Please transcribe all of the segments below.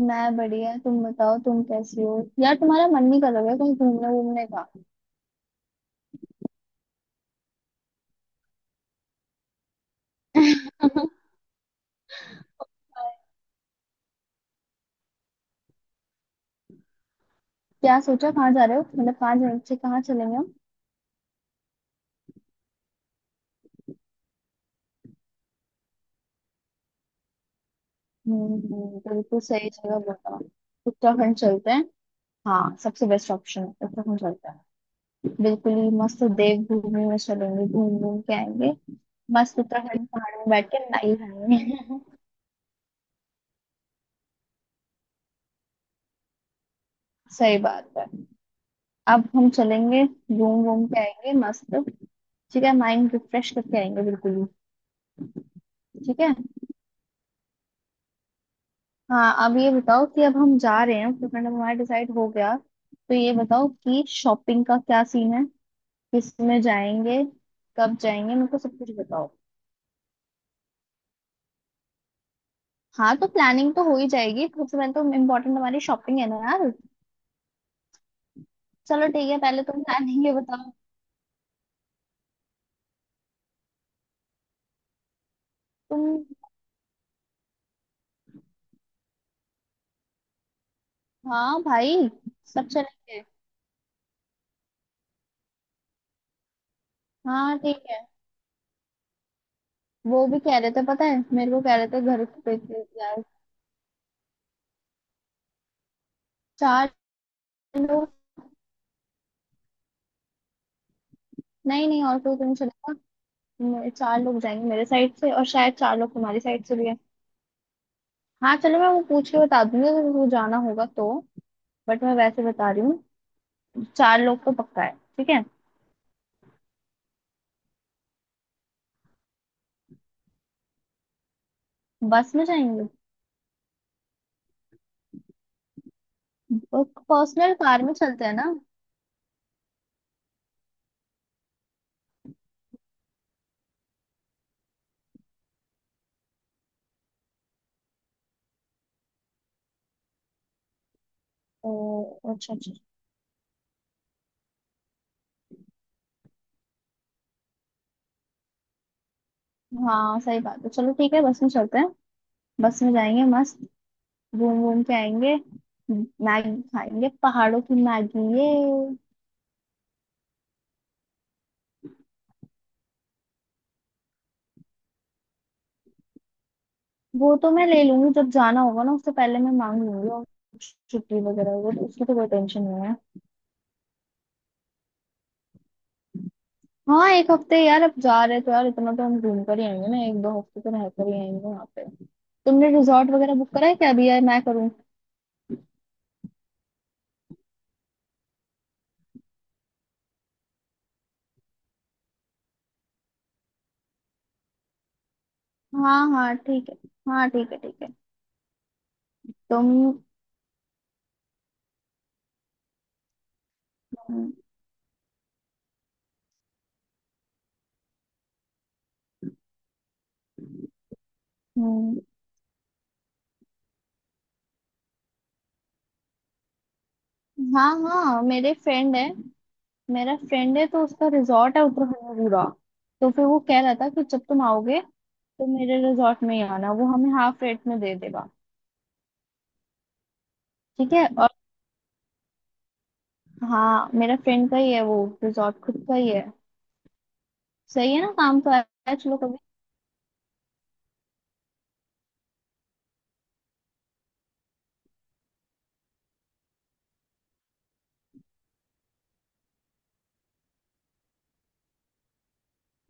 मैं बढ़िया। तुम बताओ, तुम कैसी हो? यार तुम्हारा मन नहीं कर रहा है कहीं घूमने घूमने का? क्या सोचा, कहाँ जा रहे हो? मतलब कहाँ जाने से कहाँ चलेंगे हम? बिल्कुल सही जगह बताओ। उत्तराखंड चलते हैं। हाँ, सबसे बेस्ट ऑप्शन है, उत्तराखंड चलते हैं। बिल्कुल ही मस्त। देवभूमि में चलेंगे, घूम घूम के आएंगे। मस्त, उत्तराखंड पहाड़ में बैठ के नाई खाएंगे। सही बात है। अब हम चलेंगे, घूम घूम के आएंगे मस्त। ठीक है, माइंड रिफ्रेश करके आएंगे बिल्कुल ही। ठीक है। हाँ, अब ये बताओ कि अब हम जा रहे हैं उत्तराखंड, अब हमारा डिसाइड हो गया, तो ये बताओ कि शॉपिंग का क्या सीन है? किस में जाएंगे? कब जाएंगे? मेरे को सब कुछ बताओ। हाँ, तो प्लानिंग तो हो ही जाएगी, सबसे पहले तो इम्पोर्टेंट हमारी शॉपिंग है ना यार। चलो ठीक है, पहले तुम प्लानिंग ये बताओ। तुम। हाँ भाई, सब चलेंगे। हाँ ठीक है। वो भी कह रहे थे, पता है मेरे को कह रहे थे घर पे कि यार। चार लोग। नहीं नहीं, और कोई तो नहीं चलेगा। चार लोग जाएंगे मेरे साइड से, और शायद चार लोग तुम्हारी साइड से भी। हाँ चलो, मैं वो पूछ के बता दूंगी अगर वो जाना होगा तो। बट मैं वैसे बता रही हूँ, चार लोग तो पक्का है। ठीक है। बस में जाएंगे। पर्सनल कार में चलते हैं ना। ओ, अच्छा अच्छा। हाँ सही बात है, चलो ठीक है, बस में चलते हैं। बस में जाएंगे मस्त, घूम घूम के आएंगे। मैगी खाएंगे पहाड़ों की मैगी ये। वो तो मैं ले लूंगी, जब जाना होगा ना उससे पहले मैं मांग लूंगी। और छुट्टी वगैरह, वो तो उसकी तो कोई टेंशन नहीं है। हाँ, एक हफ्ते यार, अब जा रहे तो यार इतना तो हम घूम कर ही आएंगे ना, एक दो हफ्ते तो रह कर ही आएंगे वहां पे। तुमने रिजॉर्ट वगैरह बुक करा है क्या अभी? यार मैं करूँ? हाँ हाँ ठीक है। हाँ ठीक है ठीक है। तुम। हम्म। हाँ हाँ, मेरे फ्रेंड है। मेरा फ्रेंड है, तो उसका रिजॉर्ट है उत्तराखंड में पूरा। तो फिर वो कह रहा था कि जब तुम आओगे तो मेरे रिजॉर्ट में ही आना, वो हमें हाफ रेट में दे देगा। ठीक है। और हाँ, मेरा फ्रेंड का ही है वो, रिजॉर्ट खुद का ही है। सही है ना, काम तो आया, चलो कभी।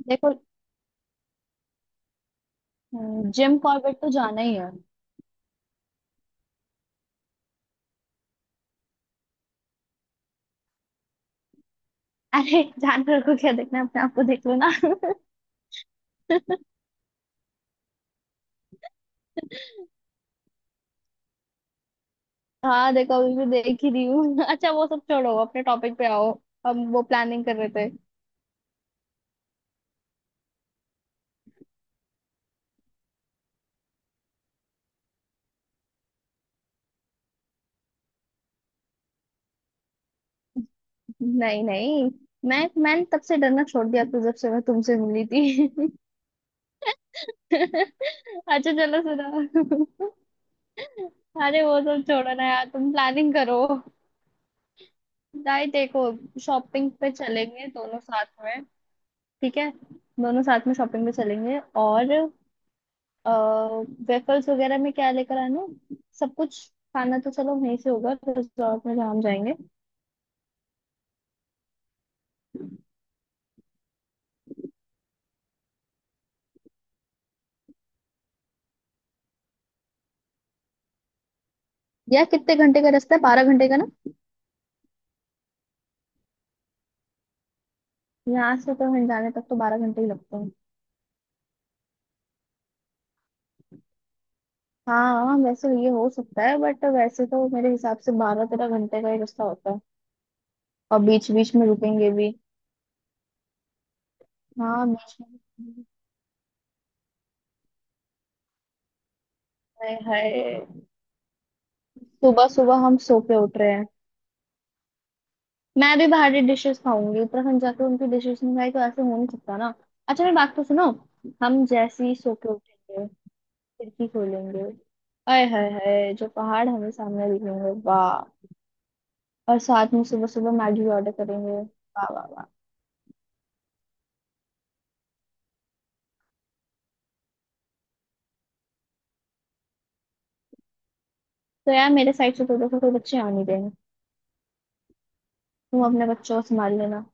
देखो। जिम कॉर्बेट तो जाना ही है। अरे जानवर को क्या देखना है, अपने आप को देख लो ना। हाँ देखो, अभी भी देख ही रही हूँ। अच्छा, वो सब छोड़ो, अपने टॉपिक पे आओ। हम वो प्लानिंग कर रहे थे। नहीं नहीं, मैंने तब से डरना छोड़ दिया तो, जब से मैं तुमसे मिली थी। अच्छा चलो सुनो। अरे वो सब छोड़ो ना यार, तुम प्लानिंग करो। भाई देखो, शॉपिंग पे चलेंगे दोनों साथ में। ठीक है, दोनों साथ में शॉपिंग पे चलेंगे। और वेफल्स वगैरह में क्या लेकर आना है? सब कुछ। खाना तो चलो वहीं से होगा रिजॉर्ट में जहाँ हम जाएंगे। यार कितने घंटे का रास्ता है? बारह घंटे का ना। यहाँ से तो हम जाने तक तो बारह घंटे ही लगते हैं। हाँ वैसे ये हो सकता है, बट वैसे तो मेरे हिसाब से बारह तेरह घंटे का ही रास्ता होता है। और बीच बीच में रुकेंगे भी। हाँ बीच में। हाय हाय। सुबह सुबह हम सो के उठ रहे हैं। मैं भी बाहरी डिशेस खाऊंगी, उत्तराखंड जाकर उनकी डिशेस नहीं खाई तो ऐसे हो नहीं सकता ना। अच्छा मेरी बात तो सुनो। हम जैसे ही सो के उठेंगे, खिड़की खोलेंगे, आय हाय हाय, जो पहाड़ हमें सामने दिखेंगे, वाह। और साथ में सुबह सुबह मैगी ऑर्डर करेंगे, वाह वाह वाह। तो यार मेरे साइड से तो देखो, कोई बच्चे आ नहीं रहे। तुम अपने बच्चों को संभाल लेना।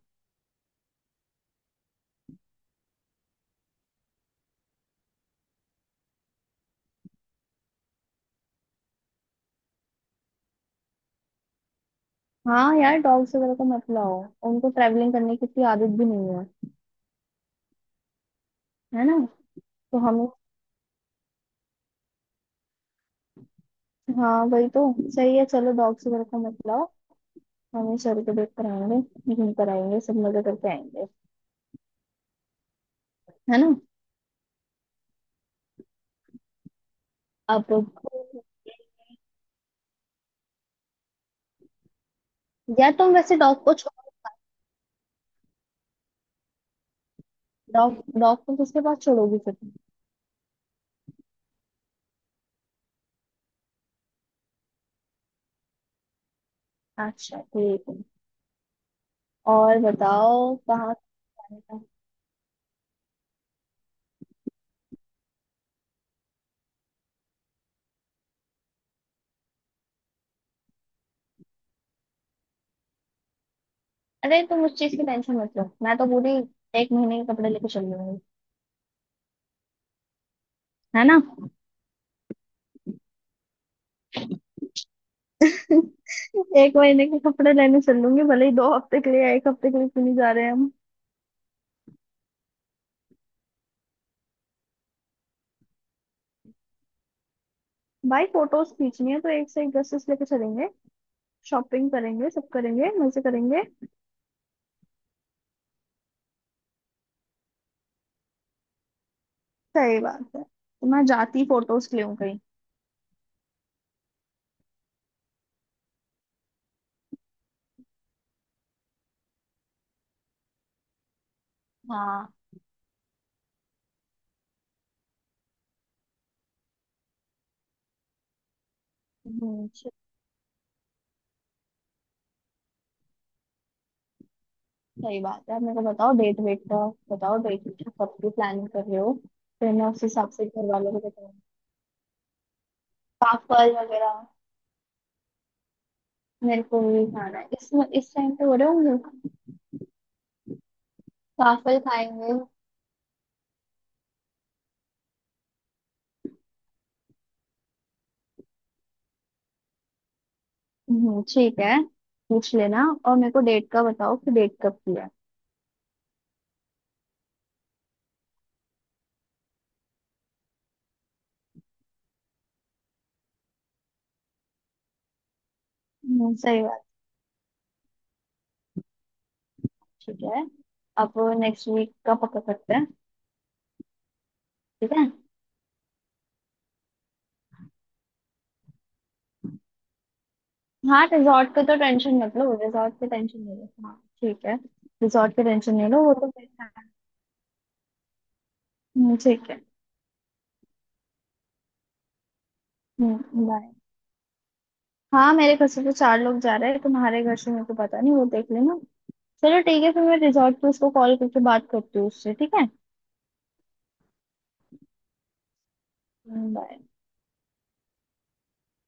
हाँ यार, डॉग्स वगैरह को मत लाओ। उनको ट्रैवलिंग करने की इतनी आदत भी नहीं है। है ना। तो हम। हाँ वही तो। सही है, चलो डॉग्स वगैरह को मत लाओ। मम्मी सर को देख कर आएंगे, घूम कर आएंगे, सब मजे करके आएंगे। है ना। अब। या तुम वैसे डॉग को छोड़। डॉग डॉग को किसके पास छोड़ोगी फिर तुम? अच्छा ठीक है। और बताओ, कहाँ जाने का? अरे तुम उस चीज की टेंशन मत लो, मैं तो पूरी एक महीने के कपड़े लेके चल लूंगी। है ना। एक महीने के कपड़े लेने चल लूंगी, भले ही दो हफ्ते के लिए या एक हफ्ते के लिए क्यों नहीं जा रहे हैं हम। भाई फोटोज खींचनी है, तो एक से एक ड्रेसेस लेके चलेंगे। शॉपिंग करेंगे, सब करेंगे, मजे करेंगे। सही बात है, तो मैं जाती फोटोज ले लूं कहीं। हाँ। हम्म, सही बात है। मेरे को बताओ डेट वेट का, बताओ डेट। कब की प्लानिंग कर रहे हो? फिर मैं उस हिसाब से घर वालों को बताऊँ। पापड़ वगैरह। मेरे को भी खाना है। इस टाइम पे हो रहे होंगे। पापड़ खाएंगे। ठीक है। पूछ लेना। और मेरे को डेट का बताओ, कि डेट कब की है। सही बात है, ठीक है। अब। नेक्स्ट वीक का पक्का करते हैं। ठीक है। हाँ, रिजॉर्ट का तो टेंशन मत लो, रिजॉर्ट की टेंशन नहीं लो हाँ। ठीक है। रिजॉर्ट की टेंशन नहीं लो, वो तो मेरे-। ठीक है। हम्म, बाय। हाँ मेरे घर से तो चार लोग जा रहे हैं, तुम्हारे घर से मेरे को पता नहीं, वो देख लेना। चलो ठीक है, फिर मैं रिजॉर्ट पे उसको कॉल करके बात करती हूँ उससे, ठीक है। बाय।